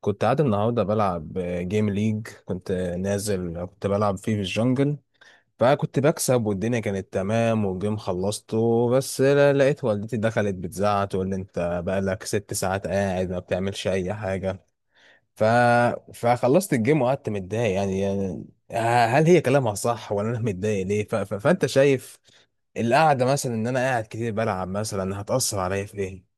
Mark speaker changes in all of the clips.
Speaker 1: كنت قاعد النهارده بلعب جيم ليج، كنت بلعب فيه في الجنجل. فكنت بكسب والدنيا كانت تمام والجيم خلصته، بس لقيت والدتي دخلت بتزعق تقول لي انت بقالك 6 ساعات قاعد ما بتعملش اي حاجه. ف... فخلصت الجيم وقعدت متضايق، يعني. هل هي كلامها صح ولا انا متضايق ليه؟ فانت شايف القعده مثلا ان انا قاعد كتير بلعب مثلا هتأثر عليا في ايه؟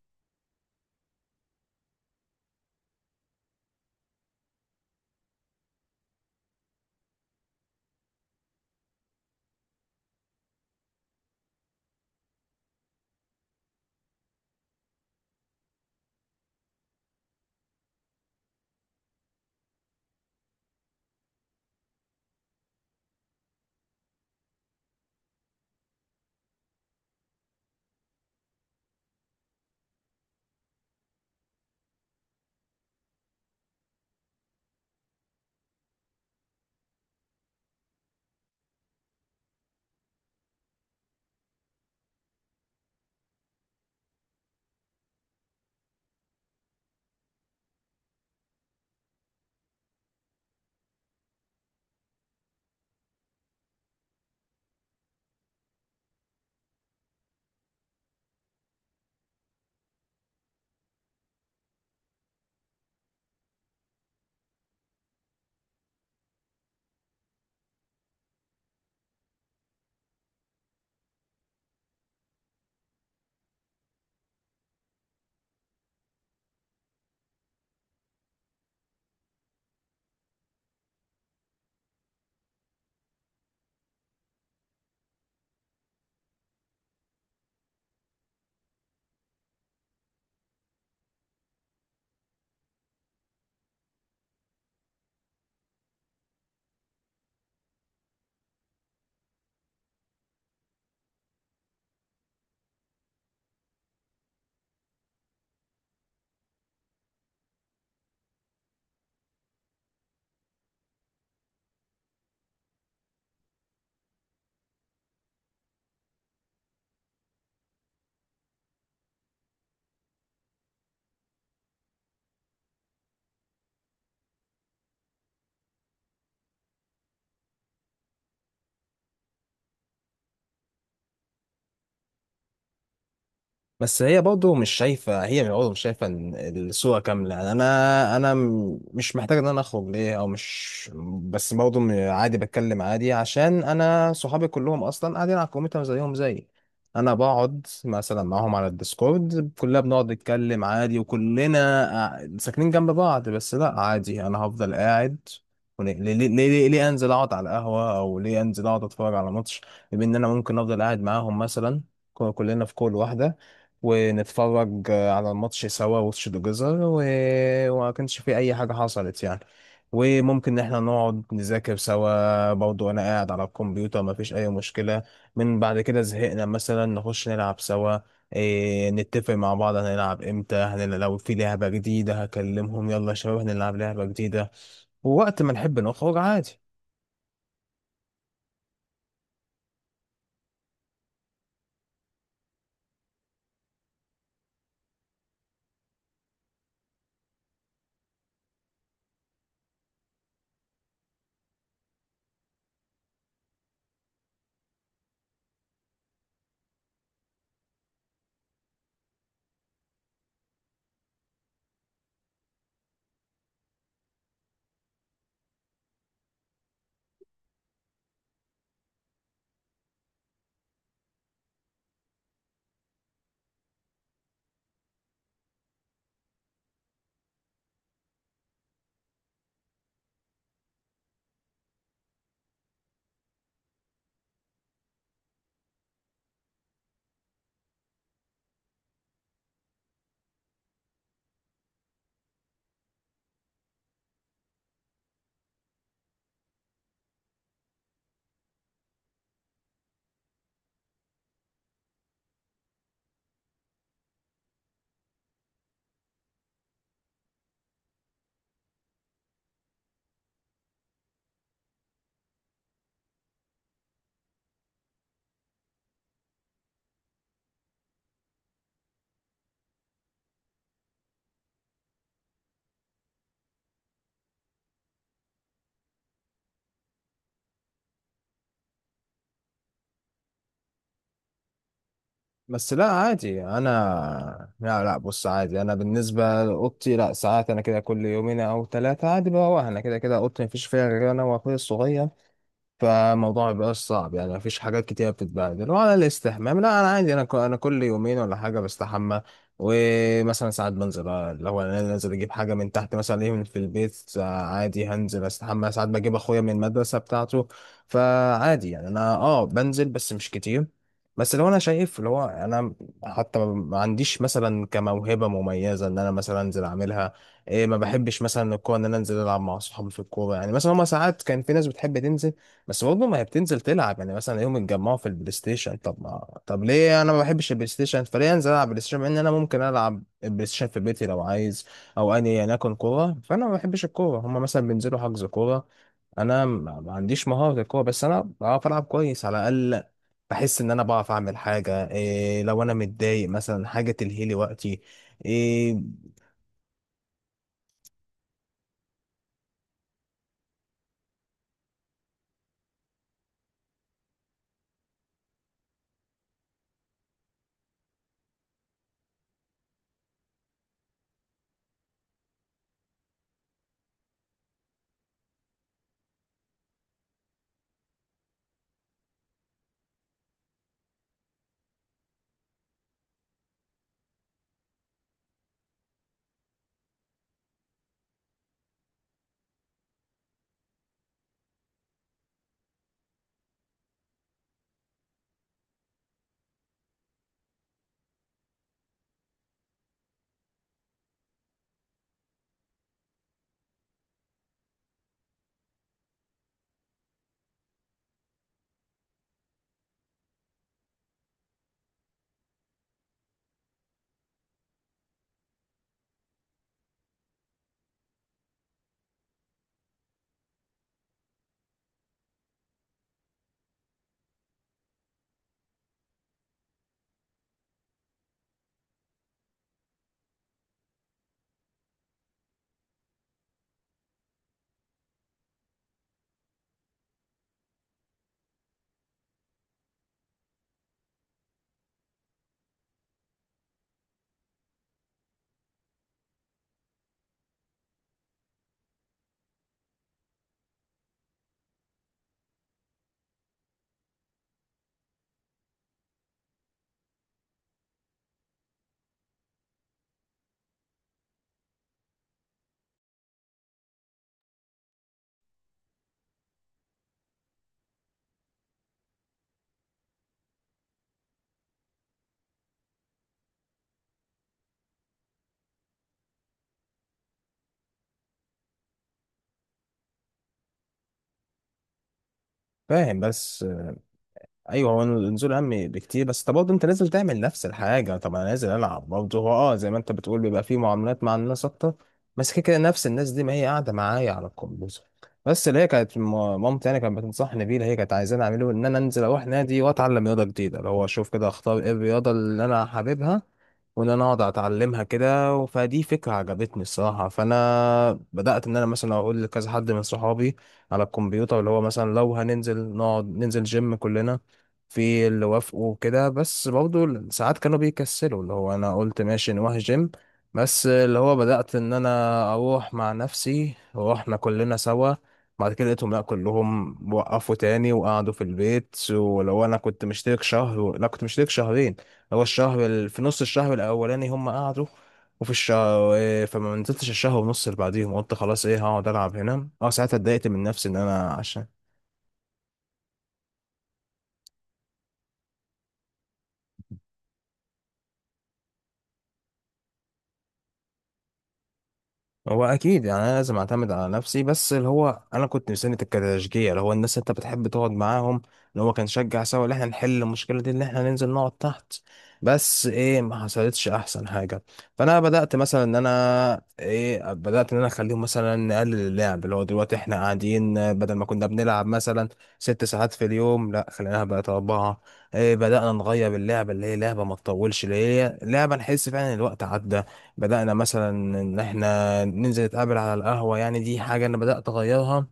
Speaker 1: بس هي برضه مش شايفة إن الصورة كاملة. يعني أنا أنا مش محتاج إن أنا أخرج ليه، أو مش. بس برضه عادي بتكلم عادي، عشان أنا صحابي كلهم أصلا قاعدين على الكمبيوتر زيهم زيي. أنا بقعد مثلا معاهم على الديسكورد، كلنا بنقعد نتكلم عادي، وكلنا ساكنين جنب بعض. بس لأ، عادي، أنا هفضل قاعد. وليه- ليه ليه ليه ليه أنزل أقعد على القهوة، أو ليه أنزل أقعد أتفرج على ماتش، بما إن أنا ممكن أفضل قاعد معاهم مثلا؟ كلنا في كل واحدة، ونتفرج على الماتش سوا، وش جزر، وما كانش في اي حاجة حصلت يعني. وممكن ان احنا نقعد نذاكر سوا برضو، انا قاعد على الكمبيوتر، ما فيش اي مشكلة. من بعد كده زهقنا مثلا نخش نلعب سوا، إيه، نتفق مع بعض هنلعب امتى، هنلعب لو في لعبة جديدة هكلمهم يلا يا شباب هنلعب لعبة جديدة، ووقت ما نحب نخرج عادي. بس لا، عادي، انا، لا لا، بص، عادي، انا بالنسبه لاوضتي، لا ساعات انا كده كل يومين او ثلاثه عادي بروح. انا كده كده اوضتي مفيش فيها غير انا واخويا الصغير، فالموضوع مبيبقاش صعب يعني، مفيش حاجات كتيرة بتتبهدل. وعلى الاستحمام، لا أنا عادي، أنا كل يومين ولا حاجة بستحمى. ومثلا ساعات بنزل، لو أنا نازل أجيب حاجة من تحت مثلا، إيه، من في البيت، عادي هنزل أستحمى. ساعات بجيب أخويا من المدرسة بتاعته. فعادي يعني أنا بنزل بس مش كتير. بس لو أنا شايف اللي هو أنا حتى ما عنديش مثلا كموهبة مميزة إن أنا مثلا أنزل أعملها. إيه، ما بحبش مثلا الكورة، إن أنا أنزل ألعب مع أصحابي في الكورة. يعني مثلا هما ساعات كان في ناس بتحب تنزل، بس برضه ما هي بتنزل تلعب، يعني مثلا يوم اتجمعوا في البلاي ستيشن، طب ليه انا ما بحبش البلاي ستيشن؟ فليه انزل العب بلاي ستيشن مع ان انا ممكن العب البلاي ستيشن في بيتي لو عايز؟ او اني يعني اكون كوره، فانا ما بحبش الكوره. هما مثلا بينزلوا حجز كوره، انا ما عنديش مهاره الكوره، بس انا بعرف العب كويس على الاقل. بحس ان انا بعرف اعمل حاجه، إيه، لو انا متضايق مثلا حاجه تلهي لي وقتي. إيه، فاهم. بس ايوه، هو النزول اهم بكتير. بس طب برضه انت نازل تعمل نفس الحاجه، طب انا نازل العب برضه. هو، زي ما انت بتقول، بيبقى فيه معاملات مع الناس اكتر، بس كده كده نفس الناس دي ما هي قاعده معايا على الكمبيوتر. بس اللي هي كانت مامتي يعني كانت بتنصحني بيه، اللي هي كانت عايزاني اعمله ان انا انزل اروح نادي واتعلم رياضه جديده، اللي هو اشوف كده اختار ايه الرياضه اللي انا حاببها، وان انا اقعد اتعلمها كده. فدي فكره عجبتني الصراحه. فانا بدات ان انا مثلا اقول لكذا حد من صحابي على الكمبيوتر، اللي هو مثلا لو هننزل ننزل جيم كلنا، في اللي وافقوا كده. بس برضه ساعات كانوا بيكسلوا، اللي هو انا قلت ماشي نروح جيم. بس اللي هو بدأت ان انا اروح مع نفسي، روحنا كلنا سوا. بعد كده لقيتهم لا كلهم وقفوا تاني وقعدوا في البيت. ولو انا كنت مشترك شهر لا كنت مشترك شهرين. هو في نص الشهر الاولاني هم قعدوا، وفي الشهر، إيه، فما نزلتش الشهر ونص اللي بعديهم، قلت خلاص ايه هقعد العب هنا. اه ساعتها اتضايقت من نفسي ان انا عشان. هو اكيد يعني انا لازم اعتمد على نفسي، بس اللي هو انا كنت مستني التكتشجيع، اللي هو الناس اللي انت بتحب تقعد معاهم، اللي هو كان شجع سوا اللي احنا نحل المشكله دي، اللي احنا ننزل نقعد تحت. بس ايه، ما حصلتش احسن حاجه. فانا بدات مثلا ان انا اخليهم مثلا نقلل اللعب، اللي هو دلوقتي احنا قاعدين، بدل ما كنا بنلعب مثلا 6 ساعات في اليوم، لا خليناها بقت اربعه. ايه، بدانا نغير اللعبه، اللي هي لعبه ما تطولش، اللي هي لعبه نحس فعلا إن الوقت عدى. بدأنا مثلا إن إحنا ننزل نتقابل على القهوة، يعني دي حاجة أنا بدأت أغيرها.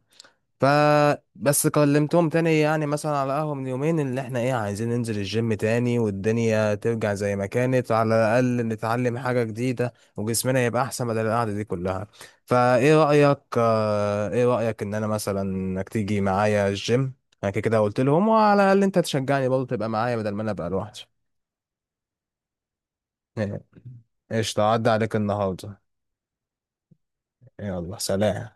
Speaker 1: فبس كلمتهم تاني يعني مثلا على قهوة من يومين إن إحنا، إيه، عايزين ننزل الجيم تاني والدنيا ترجع زي ما كانت، على الأقل نتعلم حاجة جديدة وجسمنا يبقى أحسن بدل القعدة دي كلها. فإيه رأيك آه، إيه رأيك إن أنا مثلا إنك تيجي معايا الجيم؟ أنا كده كده قلت لهم، وعلى الأقل أنت تشجعني برضه تبقى معايا بدل ما أنا أبقى لوحدي. قشطة، عدى عليك النهاردة. يلا سلام.